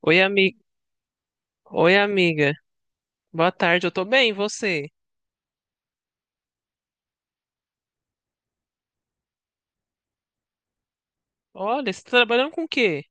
Oi, amiga. Oi, amiga. Boa tarde, eu tô bem, e você? Olha, você tá trabalhando com o quê?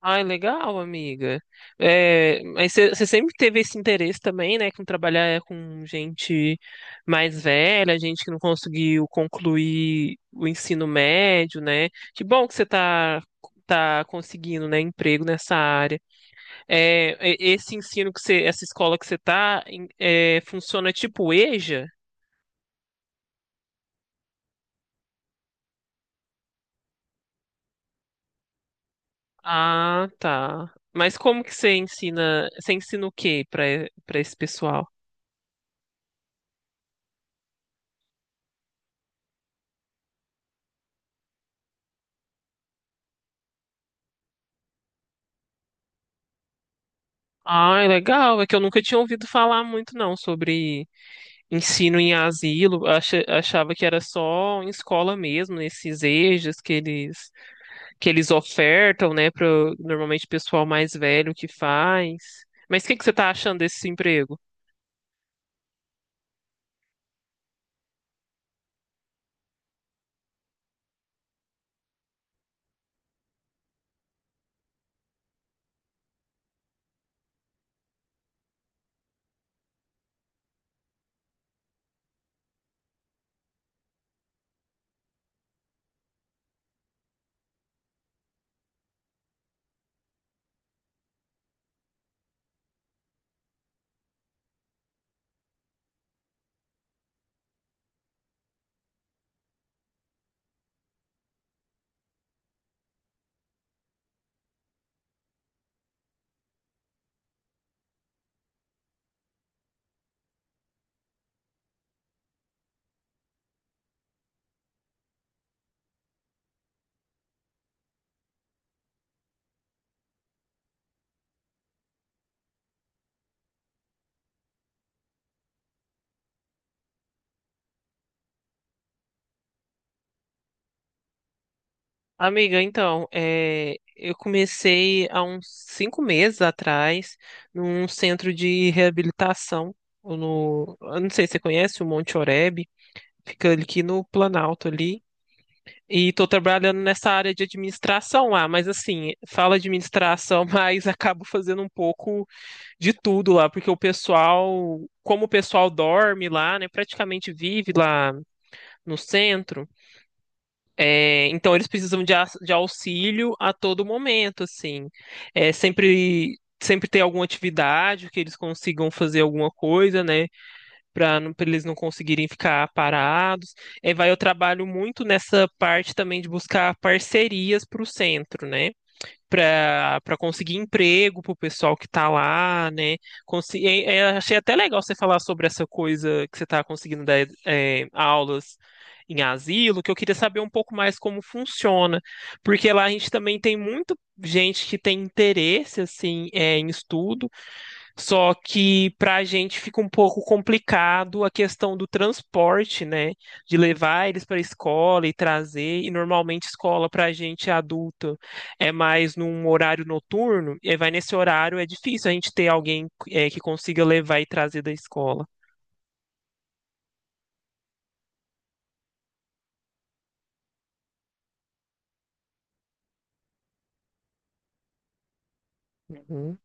Ai, legal, amiga. É, mas você sempre teve esse interesse também, né, com trabalhar com gente mais velha, gente que não conseguiu concluir o ensino médio, né? Que bom que você tá conseguindo, né, emprego nessa área. É, esse ensino que você, essa escola que você tá, funciona tipo EJA? Ah, tá. Mas como que você ensina o quê para para esse pessoal? Ah, é legal. É que eu nunca tinha ouvido falar muito não sobre ensino em asilo. Achava que era só em escola mesmo, nesses EJAs que eles ofertam, né, para normalmente pessoal mais velho que faz. Mas o que que você está achando desse emprego? Amiga, então, é, eu comecei há uns 5 meses atrás num centro de reabilitação. No, eu não sei se você conhece o Monte Oreb, fica ali aqui no Planalto ali. E estou trabalhando nessa área de administração lá, mas assim, fala administração, mas acabo fazendo um pouco de tudo lá, porque o pessoal, como o pessoal dorme lá, né, praticamente vive lá no centro. É, então eles precisam de, de auxílio a todo momento, assim. É, sempre ter alguma atividade que eles consigam fazer alguma coisa, né, para eles não conseguirem ficar parados. É, vai, eu trabalho muito nessa parte também de buscar parcerias para o centro, né? Para para conseguir emprego para o pessoal que está lá, né? É, achei até legal você falar sobre essa coisa que você está conseguindo dar aulas em asilo, que eu queria saber um pouco mais como funciona, porque lá a gente também tem muito gente que tem interesse assim em estudo, só que para a gente fica um pouco complicado a questão do transporte, né? De levar eles para a escola e trazer. E normalmente escola para a gente adulta é mais num horário noturno. E aí vai nesse horário, é difícil a gente ter alguém que consiga levar e trazer da escola. Uhum.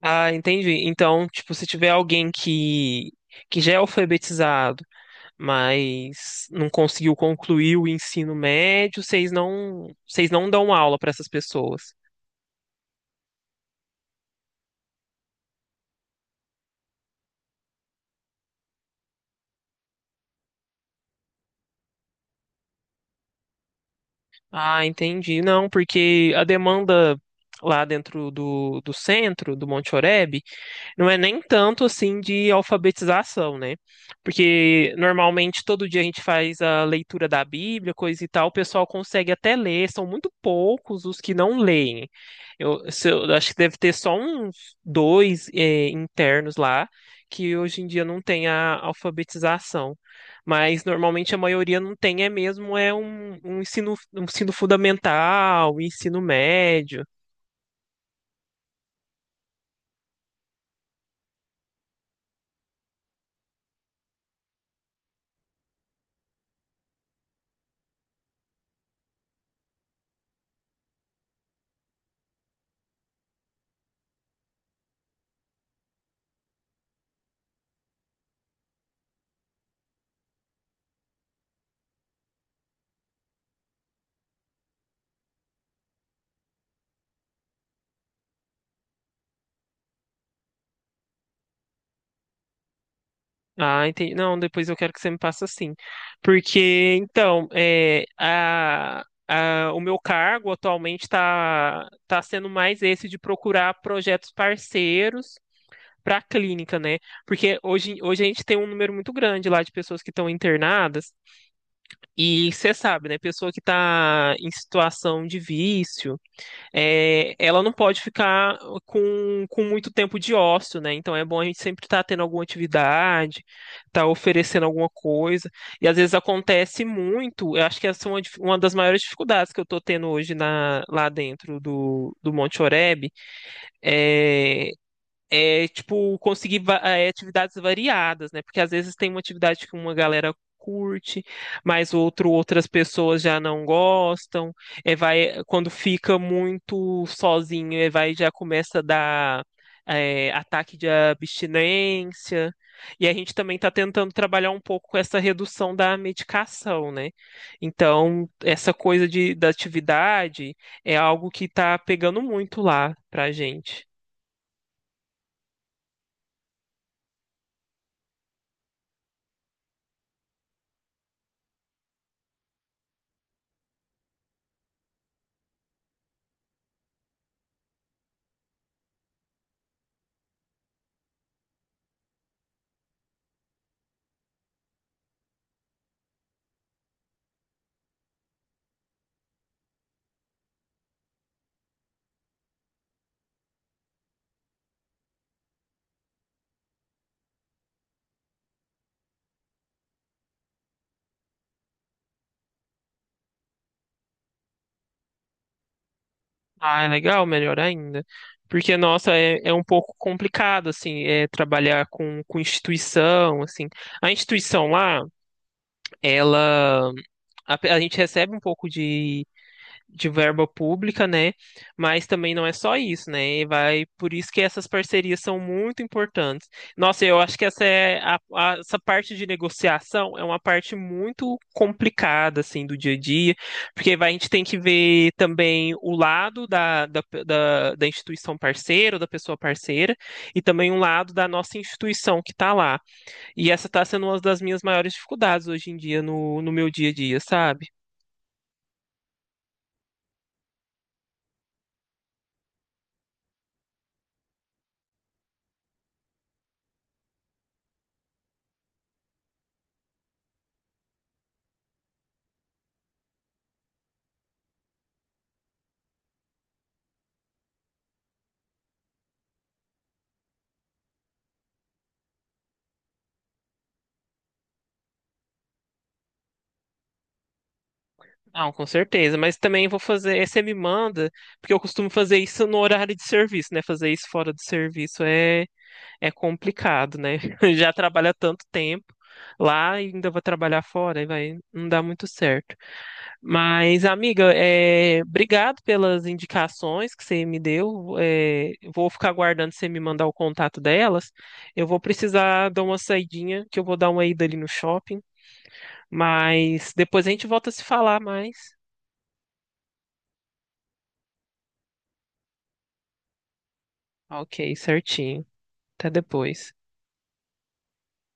Ah, entendi. Então, tipo, se tiver alguém que já é alfabetizado, mas não conseguiu concluir o ensino médio, vocês não dão aula para essas pessoas. Ah, entendi. Não, porque a demanda lá dentro do centro, do Monte Oreb, não é nem tanto assim de alfabetização, né? Porque normalmente todo dia a gente faz a leitura da Bíblia, coisa e tal, o pessoal consegue até ler, são muito poucos os que não leem. Eu, se eu- Eu acho que deve ter só uns 2, internos lá, que hoje em dia não tem a alfabetização. Mas normalmente a maioria não tem, é mesmo, é um ensino fundamental, um ensino médio. Ah, entendi. Não, depois eu quero que você me passe assim. Porque, então, é, o meu cargo atualmente está tá tá sendo mais esse de procurar projetos parceiros para a clínica, né? Porque hoje a gente tem um número muito grande lá de pessoas que estão internadas, e você sabe, né? Pessoa que está em situação de vício ela não pode ficar com muito tempo de ócio, né? Então é bom a gente sempre estar tendo alguma atividade, estar oferecendo alguma coisa. E às vezes acontece muito, eu acho que essa é uma das maiores dificuldades que eu estou tendo hoje lá dentro do Monte Oreb, é tipo, conseguir atividades variadas, né? Porque às vezes tem uma atividade que uma galera curte, mas outras pessoas já não gostam. É, vai, quando fica muito sozinho, é, vai, já começa a dar ataque de abstinência. E a gente também está tentando trabalhar um pouco com essa redução da medicação, né? Então, essa coisa da atividade é algo que está pegando muito lá pra gente. Ah, é legal, melhor ainda. Porque, nossa, é um pouco complicado, assim, trabalhar com instituição, assim. A instituição lá, ela... A gente recebe um pouco de verba pública, né? Mas também não é só isso, né? E vai, por isso que essas parcerias são muito importantes. Nossa, eu acho que essa é essa parte de negociação é uma parte muito complicada assim do dia a dia, porque vai, a gente tem que ver também o lado da instituição parceira, ou da pessoa parceira, e também o lado da nossa instituição que está lá. E essa está sendo uma das minhas maiores dificuldades hoje em dia no meu dia a dia, sabe? Não, com certeza, mas também vou fazer, você me manda, porque eu costumo fazer isso no horário de serviço, né? Fazer isso fora do serviço é complicado, né? Já trabalha tanto tempo lá e ainda vou trabalhar fora, e vai não dá muito certo. Mas, amiga, obrigado pelas indicações que você me deu. Vou ficar aguardando você me mandar o contato delas. Eu vou precisar dar uma saidinha, que eu vou dar uma ida ali no shopping, mas depois a gente volta a se falar mais. Ok, certinho. Até depois.